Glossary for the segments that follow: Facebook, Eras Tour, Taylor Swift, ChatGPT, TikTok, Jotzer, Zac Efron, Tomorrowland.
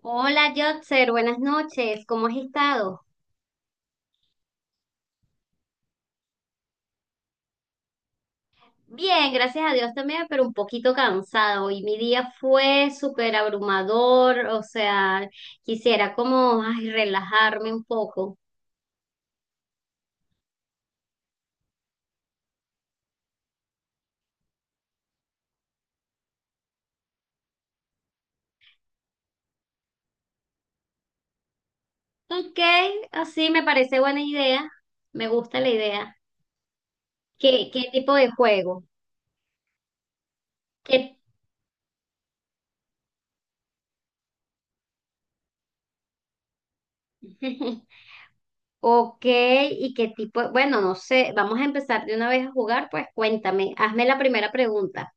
Hola, Jotzer, buenas noches. ¿Cómo has estado? Bien, gracias a Dios también, pero un poquito cansado. Hoy mi día fue súper abrumador, o sea, quisiera como ay, relajarme un poco. Ok, así me parece buena idea. Me gusta la idea. ¿Qué tipo de juego? ¿Qué... Ok, ¿y qué tipo? Bueno, no sé, vamos a empezar de una vez a jugar, pues cuéntame, hazme la primera pregunta.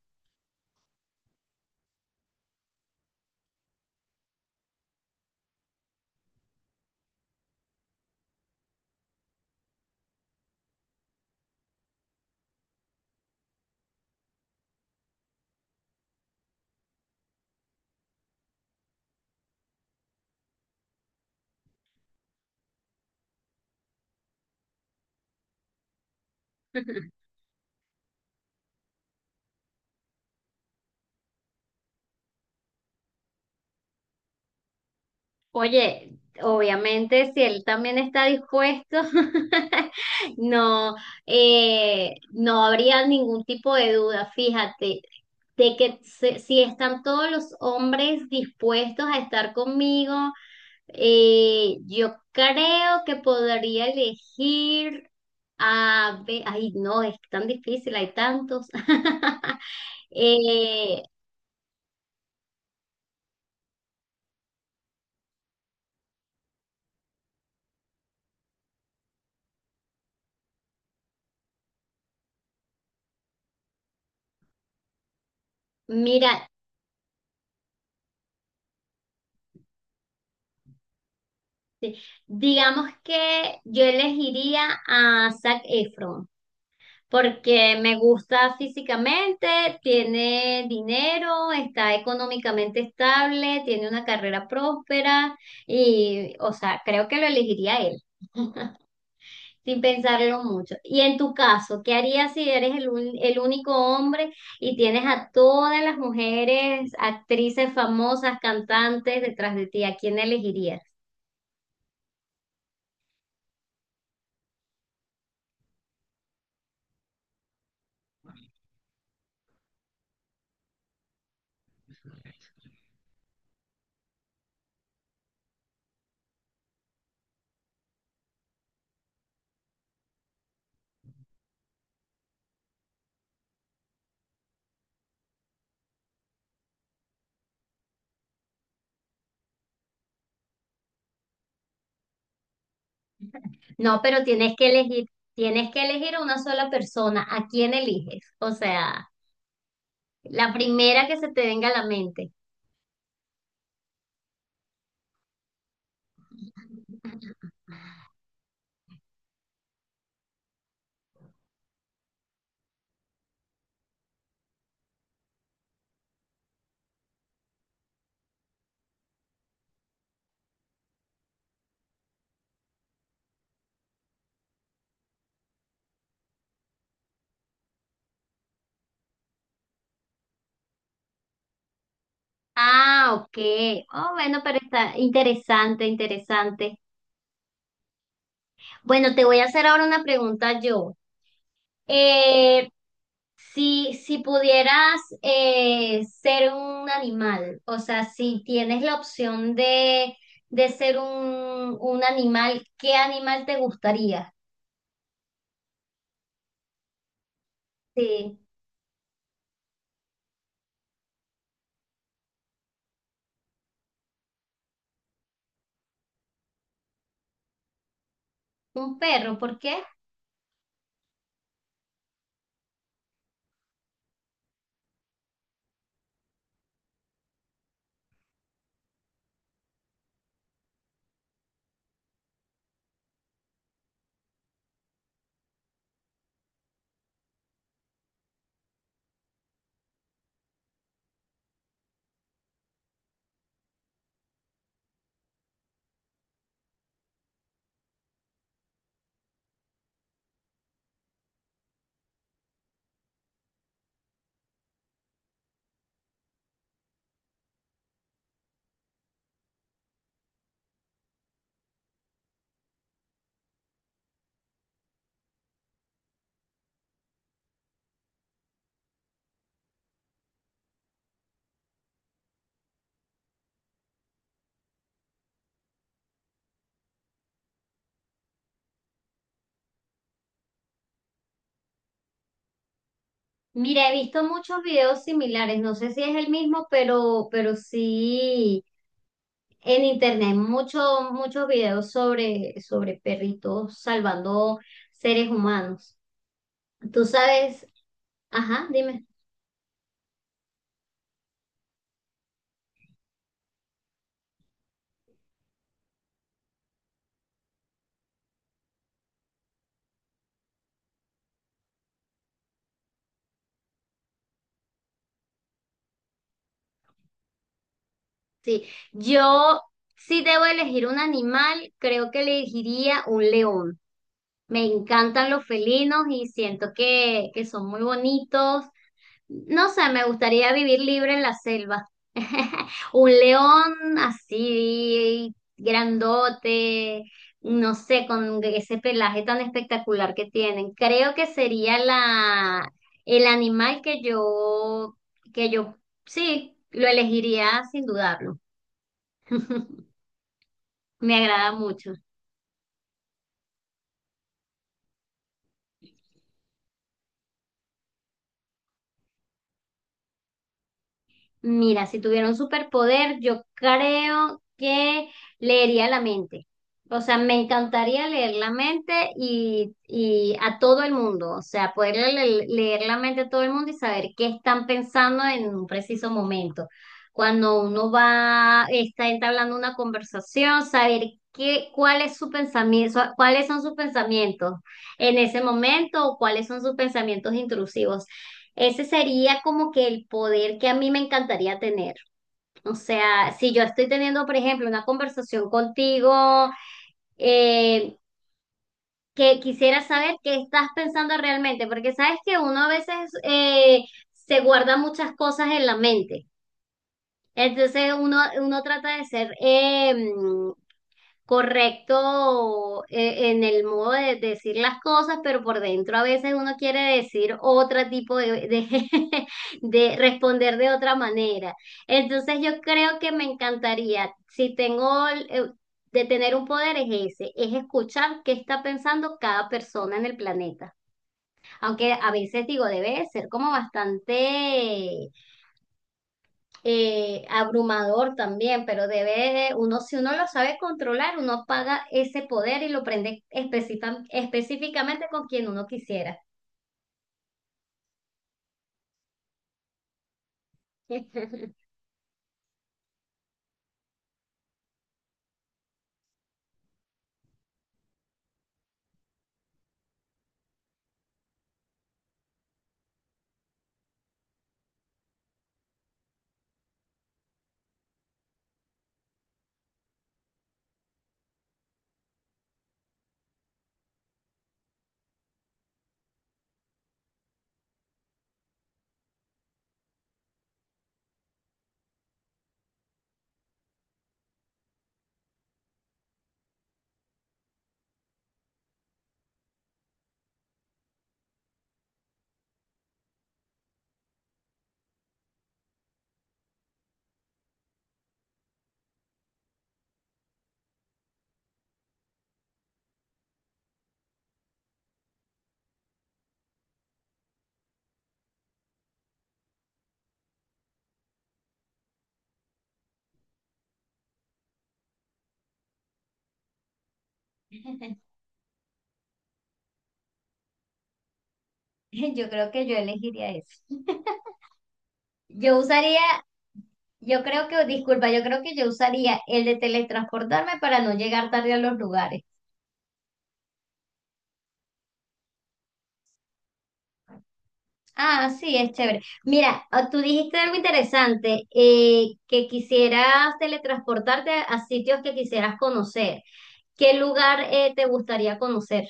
Oye, obviamente si él también está dispuesto, no, no habría ningún tipo de duda, fíjate, de que si están todos los hombres dispuestos a estar conmigo, yo creo que podría elegir a ay, no, es tan difícil, hay tantos. Eh, mira, Digamos que yo elegiría a Zac Efron porque me gusta físicamente, tiene dinero, está económicamente estable, tiene una carrera próspera y, o sea, creo que lo elegiría a él, sin pensarlo mucho. Y en tu caso, ¿qué harías si eres el único hombre y tienes a todas las mujeres, actrices famosas, cantantes detrás de ti? ¿A quién elegirías? No, pero tienes que elegir a una sola persona. ¿A quién eliges? O sea, la primera que se te venga a la mente. Ah, ok. Oh, bueno, pero está interesante, interesante. Bueno, te voy a hacer ahora una pregunta yo. Eh, si pudieras ser un animal, o sea, si tienes la opción de ser un animal, ¿qué animal te gustaría? Sí. Un perro, ¿por qué? Mira, he visto muchos videos similares, no sé si es el mismo, pero sí, en internet muchos, muchos videos sobre, sobre perritos salvando seres humanos. Tú sabes, ajá, dime. Sí, yo si debo elegir un animal, creo que elegiría un león. Me encantan los felinos y siento que son muy bonitos. No sé, me gustaría vivir libre en la selva. Un león así grandote, no sé, con ese pelaje tan espectacular que tienen. Creo que sería la el animal que yo sí, lo elegiría sin dudarlo. Me agrada mucho. Mira, si tuviera un superpoder, yo creo que leería la mente. O sea, me encantaría leer la mente y a todo el mundo. O sea, poder leer la mente a todo el mundo y saber qué están pensando en un preciso momento. Cuando uno va, está entablando una conversación, saber qué, cuál es su pensamiento, cuáles son sus pensamientos en ese momento o cuáles son sus pensamientos intrusivos. Ese sería como que el poder que a mí me encantaría tener. O sea, si yo estoy teniendo, por ejemplo, una conversación contigo, eh, que quisiera saber qué estás pensando realmente, porque sabes que uno a veces se guarda muchas cosas en la mente. Entonces uno trata de ser, correcto en el modo de decir las cosas, pero por dentro a veces uno quiere decir otro tipo de responder de otra manera. Entonces yo creo que me encantaría, si tengo de tener un poder es ese, es escuchar qué está pensando cada persona en el planeta. Aunque a veces digo, debe de ser como bastante abrumador también, pero debe, uno, si uno lo sabe controlar, uno paga ese poder y lo prende específicamente con quien uno quisiera. Yo creo que yo elegiría eso. Yo usaría, yo creo que, disculpa, yo creo que yo usaría el de teletransportarme para no llegar tarde a los lugares. Ah, sí, es chévere. Mira, ah, tú dijiste algo interesante, que quisieras teletransportarte a sitios que quisieras conocer. ¿Qué lugar te gustaría conocer?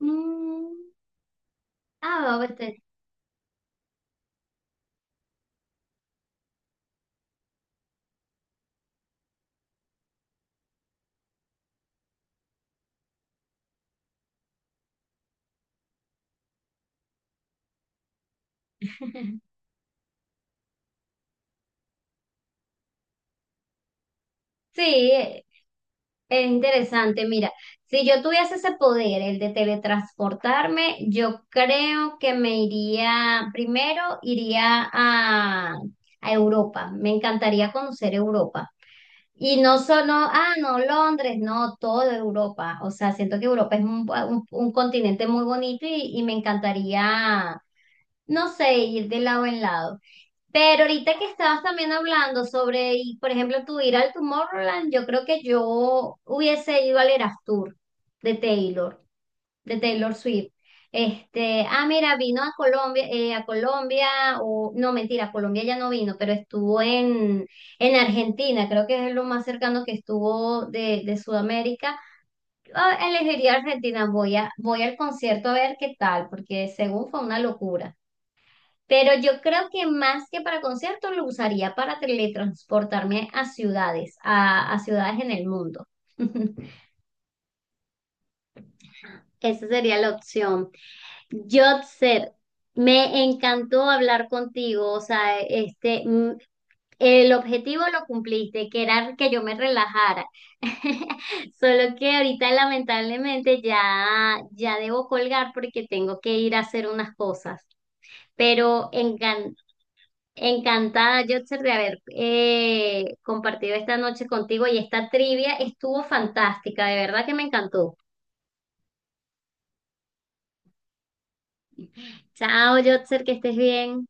Mm, ah, este... Sí, eh, es interesante. Mira, si yo tuviese ese poder, el de teletransportarme, yo creo que me iría, primero iría a Europa. Me encantaría conocer Europa. Y no solo, ah, no, Londres, no, toda Europa. O sea, siento que Europa es un continente muy bonito y me encantaría no sé, ir de lado en lado. Pero ahorita que estabas también hablando sobre, y, por ejemplo, tu ir al Tomorrowland, yo creo que yo hubiese ido al Eras Tour de Taylor, de Taylor Swift. Este, ah, mira, vino a Colombia, o no, mentira, a Colombia ya no vino, pero estuvo en Argentina, creo que es lo más cercano que estuvo de Sudamérica. Yo elegiría Argentina, voy a, voy al concierto a ver qué tal, porque según fue una locura. Pero yo creo que más que para conciertos lo usaría para teletransportarme a ciudades en el mundo. Esa sería la opción. Jotzer, me encantó hablar contigo. O sea, este, mm, el objetivo lo cumpliste, que era que yo me relajara. Solo que ahorita lamentablemente ya, ya debo colgar porque tengo que ir a hacer unas cosas. Pero encantada, Yotzer, de haber compartido esta noche contigo y esta trivia estuvo fantástica, de verdad que me encantó. Chao, Yotzer, que estés bien.